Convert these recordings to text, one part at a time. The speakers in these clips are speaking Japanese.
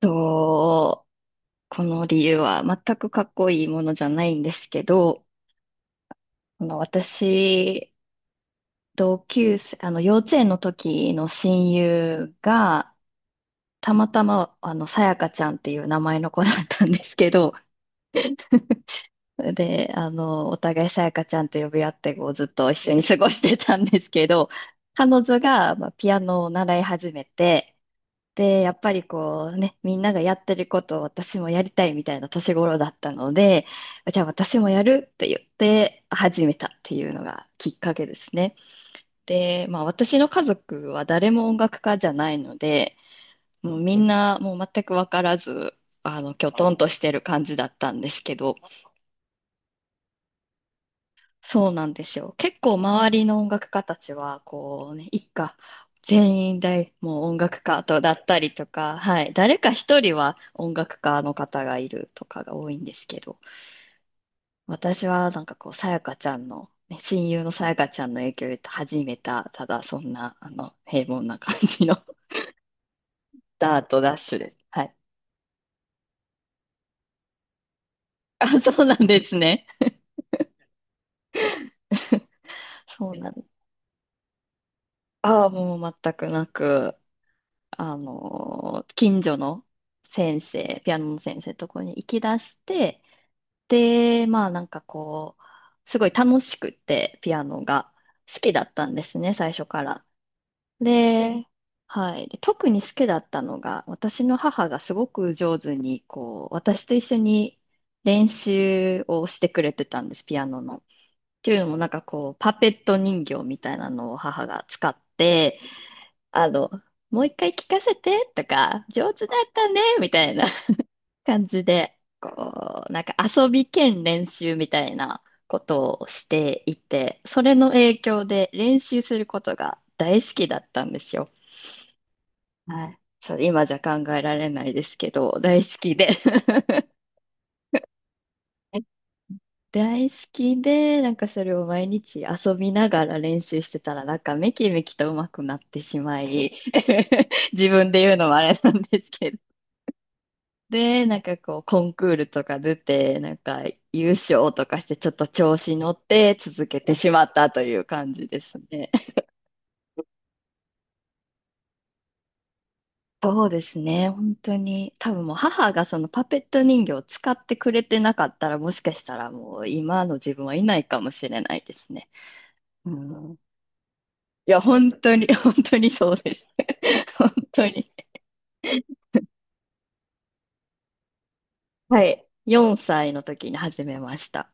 と、この理由は全くかっこいいものじゃないんですけど、私、同級生、幼稚園の時の親友が、たまたま、さやかちゃんっていう名前の子だったんですけど、で、お互いさやかちゃんと呼び合って、こう、ずっと一緒に過ごしてたんですけど、彼女が、まあ、ピアノを習い始めて、で、やっぱりこうね、みんながやってることを私もやりたいみたいな年頃だったので、じゃあ私もやるって言って始めたっていうのがきっかけですね。で、まあ私の家族は誰も音楽家じゃないので、みんなもう全く分からず、きょとんとしてる感じだったんですけど、そうなんですよ。結構周りの音楽家たちは、こうね、一家全員大、もう音楽家とだったりとか、はい、誰か一人は音楽家の方がいるとかが多いんですけど、私はなんかこう、さやかちゃんの、ね、親友のさやかちゃんの影響で始めた、ただそんな、平凡な感じの ダートダッシュです。はい。あ、そうなんですね。そうなんああ、もう全くなく、近所のピアノの先生のところに行き出して、で、まあなんかこう、すごい楽しくて、ピアノが好きだったんですね、最初から。で、はい。で特に好きだったのが、私の母がすごく上手に、こう、私と一緒に練習をしてくれてたんです、ピアノの。っていうのもなんかこう、パペット人形みたいなのを母が使って、あの、もう一回聞かせてとか、上手だったね、みたいな 感じで、こう、なんか遊び兼練習みたいなことをしていて、それの影響で練習することが大好きだったんですよ。はい。そう、今じゃ考えられないですけど、大好きで 大好きで、なんかそれを毎日遊びながら練習してたら、なんかめきめきと上手くなってしまい、自分で言うのもあれなんですけどで、なんかこう、コンクールとか出て、なんか優勝とかして、ちょっと調子乗って続けてしまったという感じですね。そうですね、本当に。多分もう母がそのパペット人形を使ってくれてなかったら、もしかしたらもう今の自分はいないかもしれないですね。うん。いや、本当に、本当にそうです。本当に。はい。4歳の時に始めました。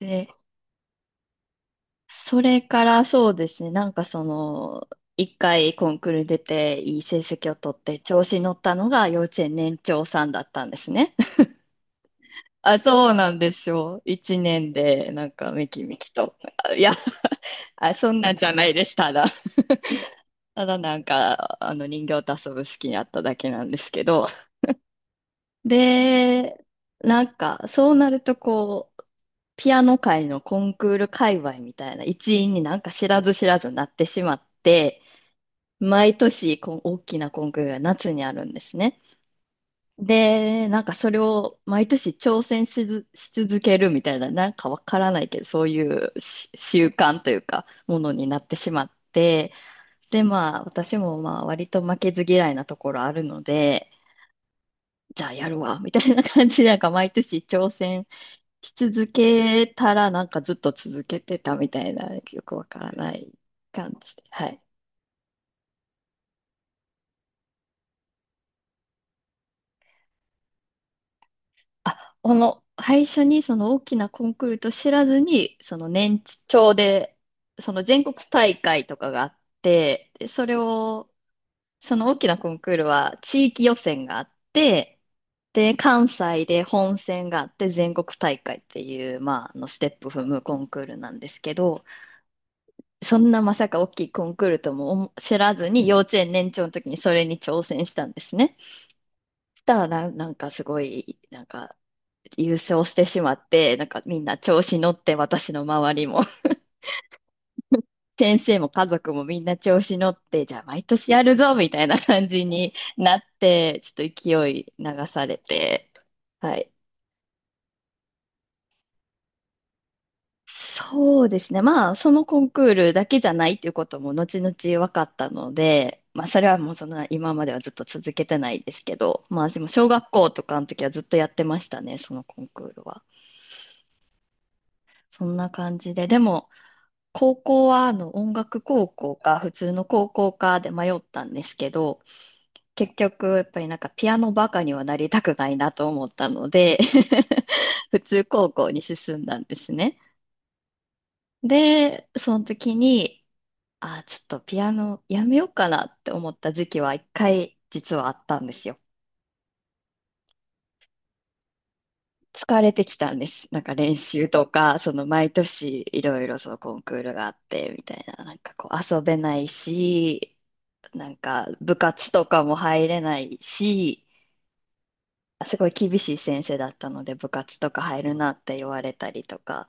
でそれからそうですね、なんかその、一回コンクールに出ていい成績を取って調子に乗ったのが幼稚園年長さんだったんですね。あ、そうなんですよ。一年でなんかめきめきと。あいや、あ、そんなんじゃないです。ただ、なんかあの人形と遊ぶ好きになっただけなんですけど。で、なんかそうなるとこう、ピアノ界のコンクール界隈みたいな一員になんか知らず知らずなってしまって、毎年こう大きなコンクールが夏にあるんですね。で、なんかそれを毎年挑戦しず、し続けるみたいな、なんかわからないけど、そういうし習慣というか、ものになってしまって、で、まあ、私も割と負けず嫌いなところあるので、じゃあやるわ、みたいな感じで、なんか毎年挑戦し続けたら、なんかずっと続けてたみたいな、よくわからない感じで。はい。あ、この、最初にその大きなコンクールと知らずに、その年長で、その全国大会とかがあって、で、それを、その大きなコンクールは地域予選があって、で、関西で本戦があって全国大会っていう、まあ、ステップ踏むコンクールなんですけど、そんなまさか大きいコンクールとも思知らずに幼稚園年長の時にそれに挑戦したんですね。そしたらなんかすごい、なんか優勝してしまって、なんかみんな調子乗って、私の周りも、先生も家族もみんな調子乗って、じゃあ毎年やるぞみたいな感じになって、ちょっと勢い流されて、はい。そうですね。まあ、そのコンクールだけじゃないっていうことも後々分かったので、まあ、それはもうそんな今まではずっと続けてないですけど、まあ、でも小学校とかの時はずっとやってましたね、そのコンクールは。そんな感じで。でも、高校は音楽高校か普通の高校かで迷ったんですけど、結局やっぱりなんかピアノバカにはなりたくないなと思ったので 普通高校に進んだんですね。で、その時に、ちょっとピアノやめようかなって思った時期は一回実はあったんですよ。疲れてきたんです。なんか練習とか、その毎年いろいろそのコンクールがあってみたいな、なんかこう遊べないし、なんか部活とかも入れないし、すごい厳しい先生だったので部活とか入るなって言われたりとか、あ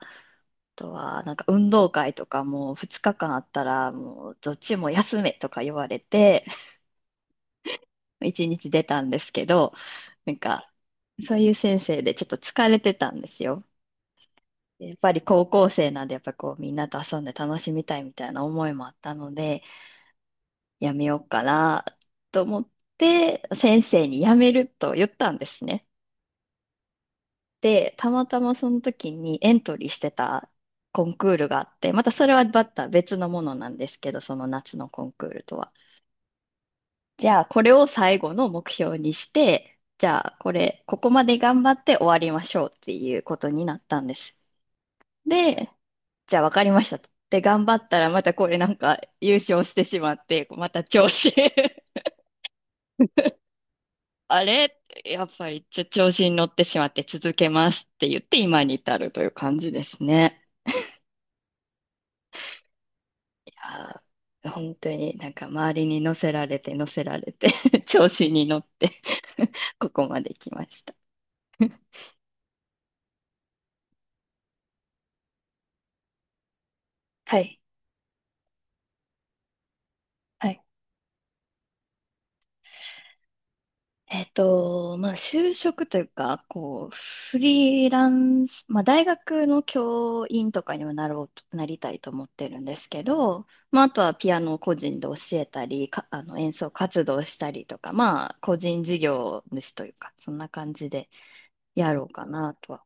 とはなんか運動会とかも2日間あったらもうどっちも休めとか言われて、1日出たんですけど、なんかそういう先生でちょっと疲れてたんですよ。やっぱり高校生なんで、やっぱこうみんなと遊んで楽しみたいみたいな思いもあったので、やめようかなと思って、先生にやめると言ったんですね。で、たまたまその時にエントリーしてたコンクールがあって、またそれはまた別のものなんですけど、その夏のコンクールとは。じゃあ、これを最後の目標にして、じゃあ、これ、ここまで頑張って終わりましょうっていうことになったんです。で、じゃあ分かりましたと。で、頑張ったらまたこれなんか優勝してしまって、また調子 あれやっぱり調子に乗ってしまって続けますって言って今に至るという感じですね。いやー、本当になんか周りに乗せられて 調子に乗って ここまで来ました。はい。はいまあ、就職というか、こう、フリーランス、まあ、大学の教員とかにもなろうと、なりたいと思ってるんですけど、まあ、あとはピアノを個人で教えたり、か、演奏活動したりとか、まあ、個人事業主というか、そんな感じでやろうかなとは。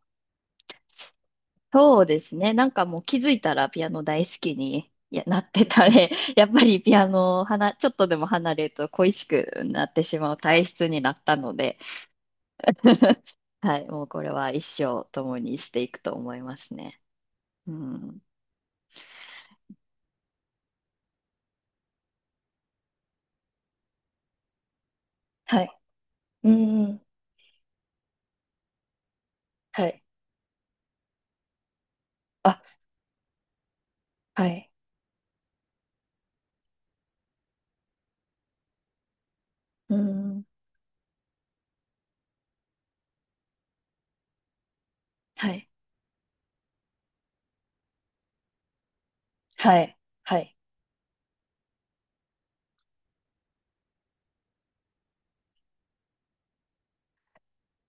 そうですね。なんかもう気づいたらピアノ大好きにいやなってたね。やっぱりピアノをはな、ちょっとでも離れると恋しくなってしまう体質になったので、はい、もうこれは一生共にしていくと思いますね。うん。はい。うん、はい。あ、はい。うん、はい。はい。はい。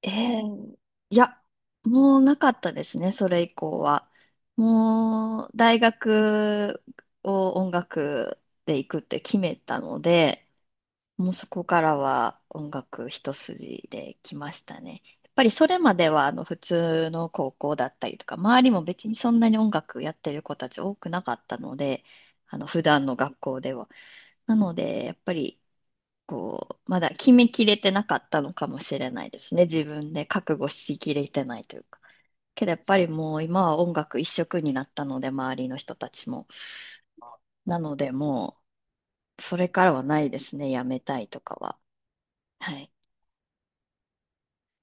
えー、いや、もうなかったですね、それ以降は。もう大学を音楽で行くって決めたので、もうそこからは音楽一筋で来ましたね。やっぱりそれまでは普通の高校だったりとか、周りも別にそんなに音楽やってる子たち多くなかったので、あの普段の学校では。なので、やっぱりこう、まだ決めきれてなかったのかもしれないですね。自分で覚悟しきれてないというか。けどやっぱりもう今は音楽一色になったので、周りの人たちも。なのでもう、それからはないですね、やめたいとかは。はい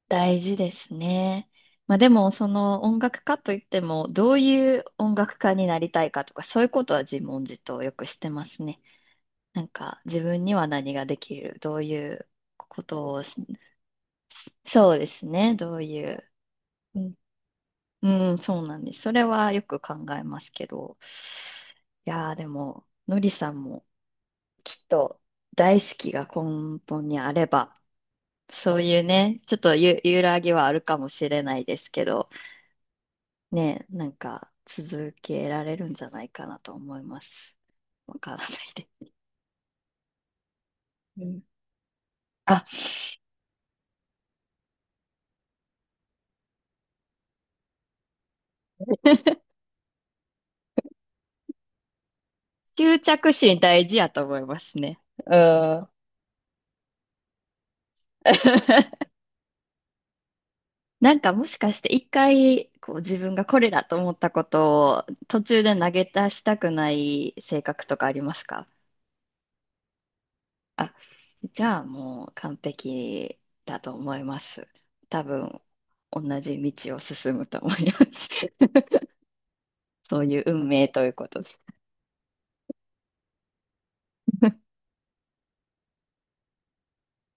大事ですね。まあでも、その音楽家といっても、どういう音楽家になりたいかとか、そういうことは自問自答よくしてますね。なんか、自分には何ができる、どういうことをし、そうですね、どういう。うん、うんそうなんです。それはよく考えますけど。いやー、でも、のりさんもきっと大好きが根本にあれば、そういうね、ちょっと揺らぎはあるかもしれないですけど、ね、なんか続けられるんじゃないかなと思います。わからないで。うん、あ、執着心大事やと思いますね。うん。なんかもしかして一回こう自分がこれだと思ったことを途中で投げ出したくない性格とかありますか？あ、じゃあもう完璧だと思います。多分同じ道を進むと思います。そういう運命ということで。